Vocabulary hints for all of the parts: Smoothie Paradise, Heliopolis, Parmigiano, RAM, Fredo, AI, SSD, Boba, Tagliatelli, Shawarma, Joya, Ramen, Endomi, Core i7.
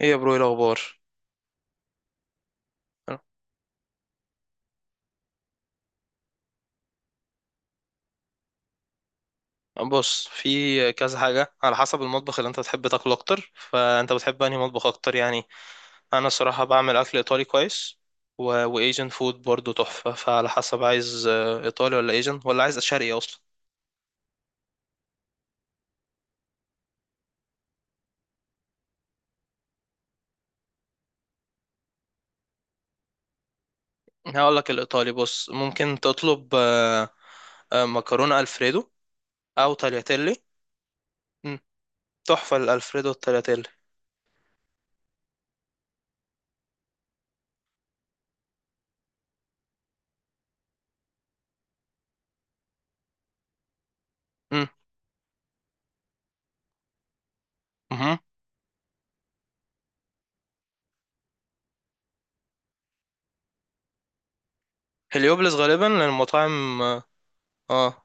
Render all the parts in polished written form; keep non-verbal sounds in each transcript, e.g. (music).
ايه يا برو، ايه الاخبار؟ بص، في كذا حاجه على حسب المطبخ اللي انت بتحب تاكله اكتر. فانت بتحب انهي مطبخ اكتر يعني؟ انا الصراحه بعمل اكل ايطالي كويس وايجن فود برضو تحفه. فعلى حسب عايز ايطالي ولا ايجن ولا عايز شرقي اصلا. هقول لك الايطالي. بص، ممكن تطلب مكرونه الفريدو او تالياتيلي. مم، تحفه الالفريدو والتالياتيلي. مم، مهم. هليوبلس غالبا للمطاعم اه. آه،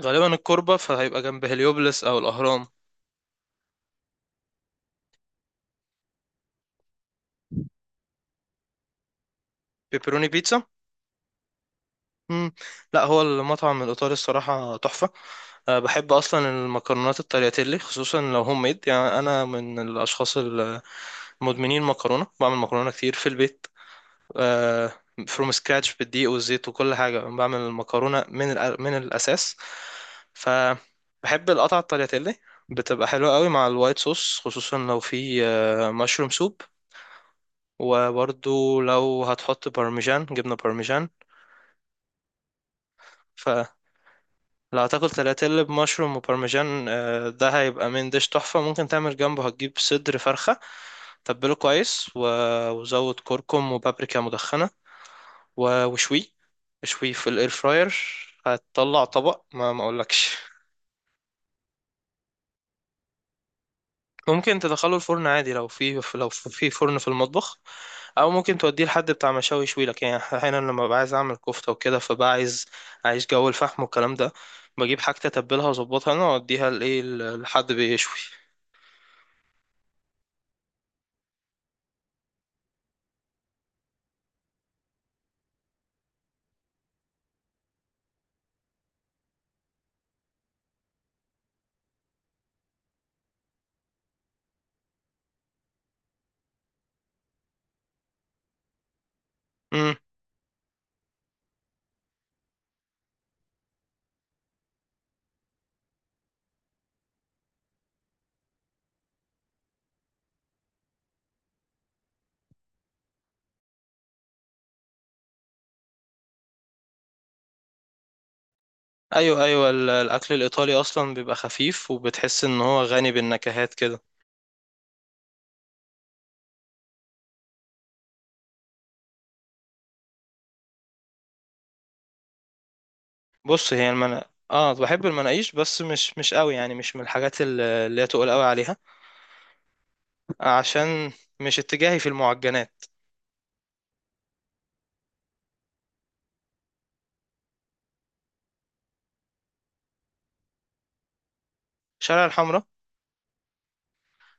غالبا الكوربة، فهيبقى جنب هليوبلس او الاهرام. بيبروني بيتزا. مم. لا، هو المطعم الإيطالي الصراحة تحفة. أه، بحب أصلا المكرونات الترياتيلي، خصوصا لو هوم ميد. يعني أنا من الأشخاص المدمنين مكرونة، بعمل مكرونة كتير في البيت. أه، فروم سكراتش، بالدقيق والزيت وكل حاجة. بعمل المكرونة من من الأساس. فبحب القطع الترياتيلي، بتبقى حلوة قوي مع الوايت صوص، خصوصا لو في مشروم سوب. وبرضو لو هتحط بارميجان، جبنة بارميجان. لو هتاكل تلاتيل بمشروم وبارميجان ده هيبقى من ديش تحفة. ممكن تعمل جنبه، هتجيب صدر فرخة، تبله كويس وزود كركم وبابريكا مدخنة وشويه في الاير فراير. هتطلع طبق ما اقولكش. ممكن تدخله الفرن عادي لو لو في فرن في المطبخ، او ممكن توديه لحد بتاع مشاوي يشوي لك. يعني احيانا لما ببقى عايز اعمل كفته وكده، فبقى عايز جو الفحم والكلام ده، بجيب حاجه اتبلها واظبطها انا واوديها لايه، لحد بيشوي. ايوه، ايوه، الاكل الايطالي اصلا بيبقى خفيف، وبتحس ان هو غني بالنكهات كده. بص، هي المنا بحب المناقيش، بس مش قوي. يعني مش من الحاجات اللي هي تقول قوي عليها، عشان مش اتجاهي في المعجنات. شارع الحمراء،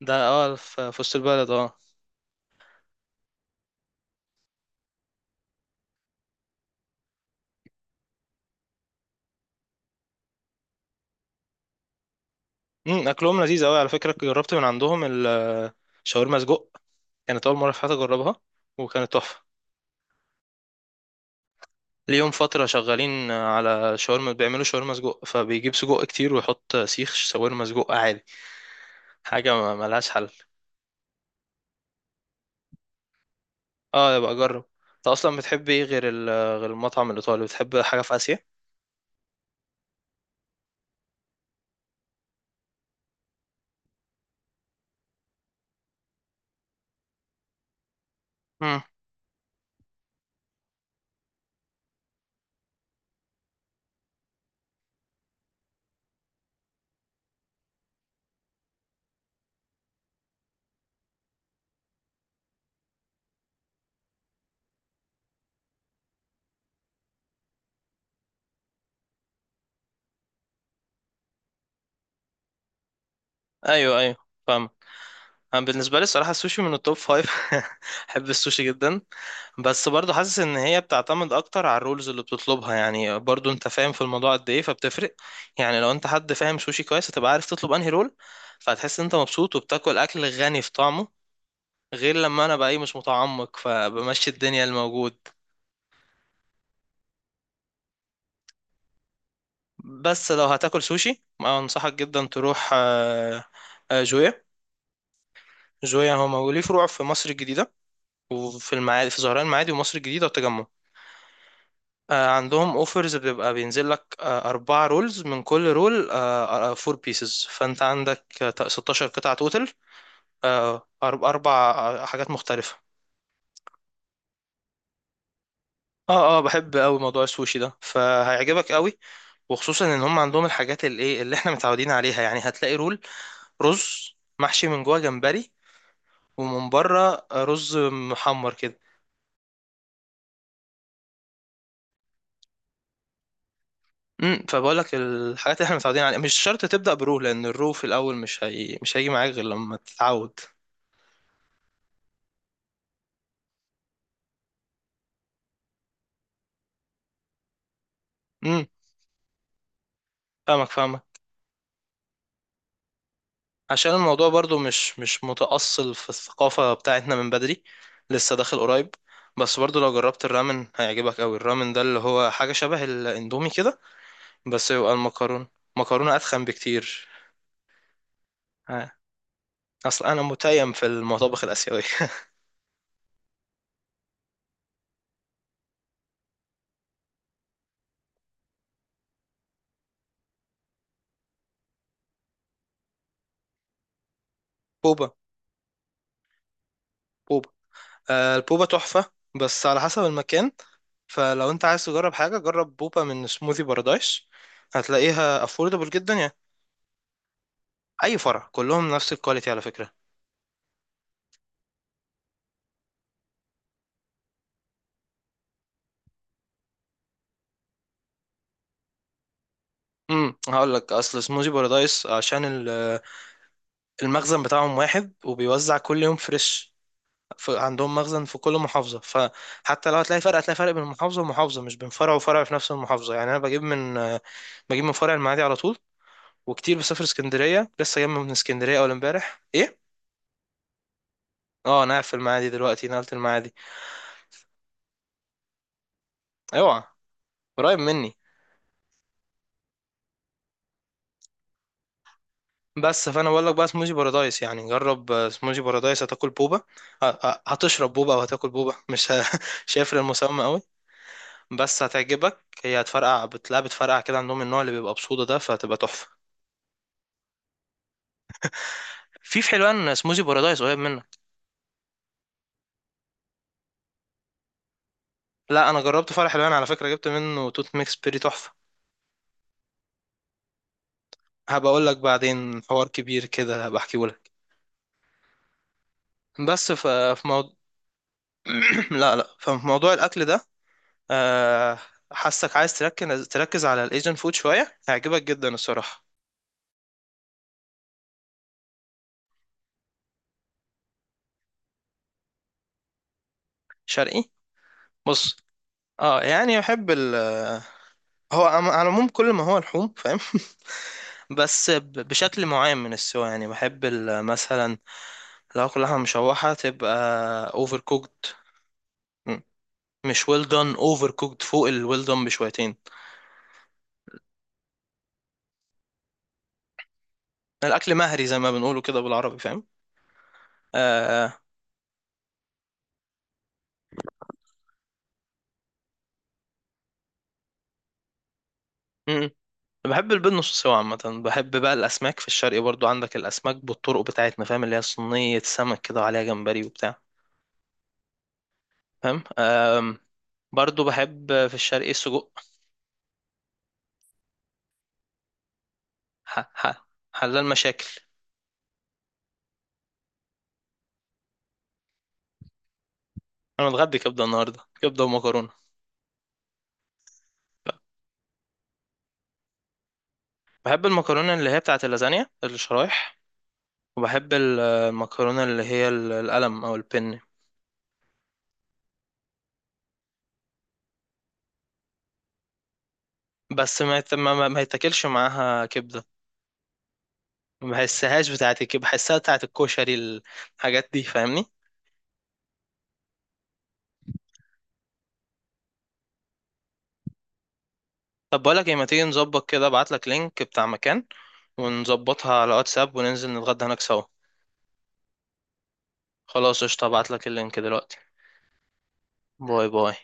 ده اه، في وسط البلد اه. امم، اكلهم لذيذ قوي على فكره. جربت من عندهم شاورما سجق، كانت اول مره في حياتي اجربها، وكانت تحفه. ليهم فتره شغالين على شاورما، بيعملوا شاورما سجق، فبيجيب سجق كتير ويحط سيخ شاورما سجق عادي. حاجة ملهاش حل. اه، يبقى اجرب. انت اصلا بتحب ايه غير غير المطعم الايطالي؟ بتحب حاجة في اسيا؟ امم. ايوه، ايوه، فاهم. انا بالنسبة لي الصراحة السوشي من التوب فايف. (laughs) بحب السوشي جدا. بس برضو حاسس ان هي بتعتمد اكتر على الرولز اللي بتطلبها. يعني برضو انت فاهم في الموضوع قد ايه، فبتفرق. يعني لو انت حد فاهم سوشي كويس، هتبقى عارف تطلب انهي رول، فهتحس ان انت مبسوط وبتاكل اكل غني في طعمه. غير لما انا بقى ايه، مش متعمق، فبمشي الدنيا الموجود. بس لو هتاكل سوشي، ما انصحك جدا تروح جويا. جويا هو ليه فروع في مصر الجديده، وفي المعادي في زهران المعادي ومصر الجديده والتجمع. عندهم اوفرز بتبقى بينزل لك اربع رولز من كل رول، فور بيسز. فانت عندك 16 قطعه توتال، اربع حاجات مختلفه. اه، اه، بحب قوي موضوع السوشي ده، فهيعجبك قوي. وخصوصا ان هم عندهم الحاجات اللي ايه، اللي احنا متعودين عليها. يعني هتلاقي رول رز محشي من جوه جمبري، ومن بره رز محمر كده. امم، فبقول لك الحاجات اللي احنا متعودين عليها مش شرط تبدا برو، لان الرو في الاول مش هي... مش هيجي معاك غير لما تتعود. امم. فاهمك. عشان الموضوع برضو مش متأصل في الثقافة بتاعتنا من بدري، لسه داخل قريب. بس برضو لو جربت الرامن هيعجبك قوي. الرامن ده اللي هو حاجة شبه الاندومي كده، بس يبقى المكرونة مكرونة أتخن بكتير. آه. اصل انا متيم في المطابخ الآسيوية. (laughs) بوبا. بوبا. البوبا تحفة، بس على حسب المكان. فلو انت عايز تجرب حاجة، جرب بوبا من سموذي بارادايس. هتلاقيها affordable جدا يعني. اي فرع، كلهم نفس الكواليتي على فكرة. امم، هقول لك اصل سموذي بارادايس، عشان المخزن بتاعهم واحد، وبيوزع كل يوم فريش. عندهم مخزن في كل محافظة، فحتى لو هتلاقي فرق، هتلاقي فرق بين محافظة ومحافظة، مش بين فرع وفرع في نفس المحافظة. يعني انا بجيب من بجيب من فرع المعادي على طول. وكتير بسافر اسكندرية، لسه جاي من اسكندرية اول امبارح. إيه؟ اه، انا قاعد في المعادي دلوقتي، نقلت المعادي. اوعى! قريب مني. بس، فانا بقول لك بقى سموزي بارادايس. يعني جرب سموزي بارادايس، هتاكل بوبا، هتشرب بوبا او هتاكل بوبا، مش ه- (laughs) مش هيفرق المسمى قوي. بس هتعجبك. هي هتفرقع، بتلاقي بتفرقع كده. عندهم النوع اللي بيبقى بصودا ده، فهتبقى تحفه. في في حلوان سموزي بارادايس قريب منك. لا، انا جربت فرع حلوان على فكره، جبت منه توت ميكس بيري تحفه. هبقى اقول لك بعدين، حوار كبير كده هبقى احكيه لك. بس ف- في موضوع (clears throat) لا لا ففي موضوع الاكل ده آه، حاسك عايز تركز على الايجن فود شويه، هيعجبك جدا الصراحه. شرقي؟ بص، اه، يعني احب ال، هو على العموم كل ما هو لحوم فاهم. (laughs) بس بشكل معين من السوا. يعني بحب مثلا لو كلها مشوحه، تبقى اوفر كوكد. مش ويل دون، اوفر كوكد فوق الويل دون بشويتين. الاكل مهري زي ما بنقوله كده بالعربي، فاهم؟ آه. بحب البيض نص سوا عامة. بحب بقى الأسماك في الشرق، برضو عندك الأسماك بالطرق بتاعتنا، فاهم؟ اللي هي صينية سمك كده، وعليها جمبري وبتاع، فاهم؟ أم، برضو بحب في الشرق السجق. ح- ح- حلال مشاكل. أنا متغدي كبدة النهاردة، كبدة ومكرونة. بحب المكرونة اللي هي بتاعت اللازانيا، الشرايح. وبحب المكرونة اللي هي القلم أو البن. بس ما يتاكلش معاها كبدة، ما بحسهاش بتاعت الكبدة، بحسها بتاعت الكشري، الحاجات دي فاهمني. طب بقولك ايه، ما تيجي نظبط كده، ابعتلك لينك بتاع مكان ونظبطها على واتساب وننزل نتغدى هناك سوا. خلاص، قشطة، ابعتلك اللينك دلوقتي. باي باي.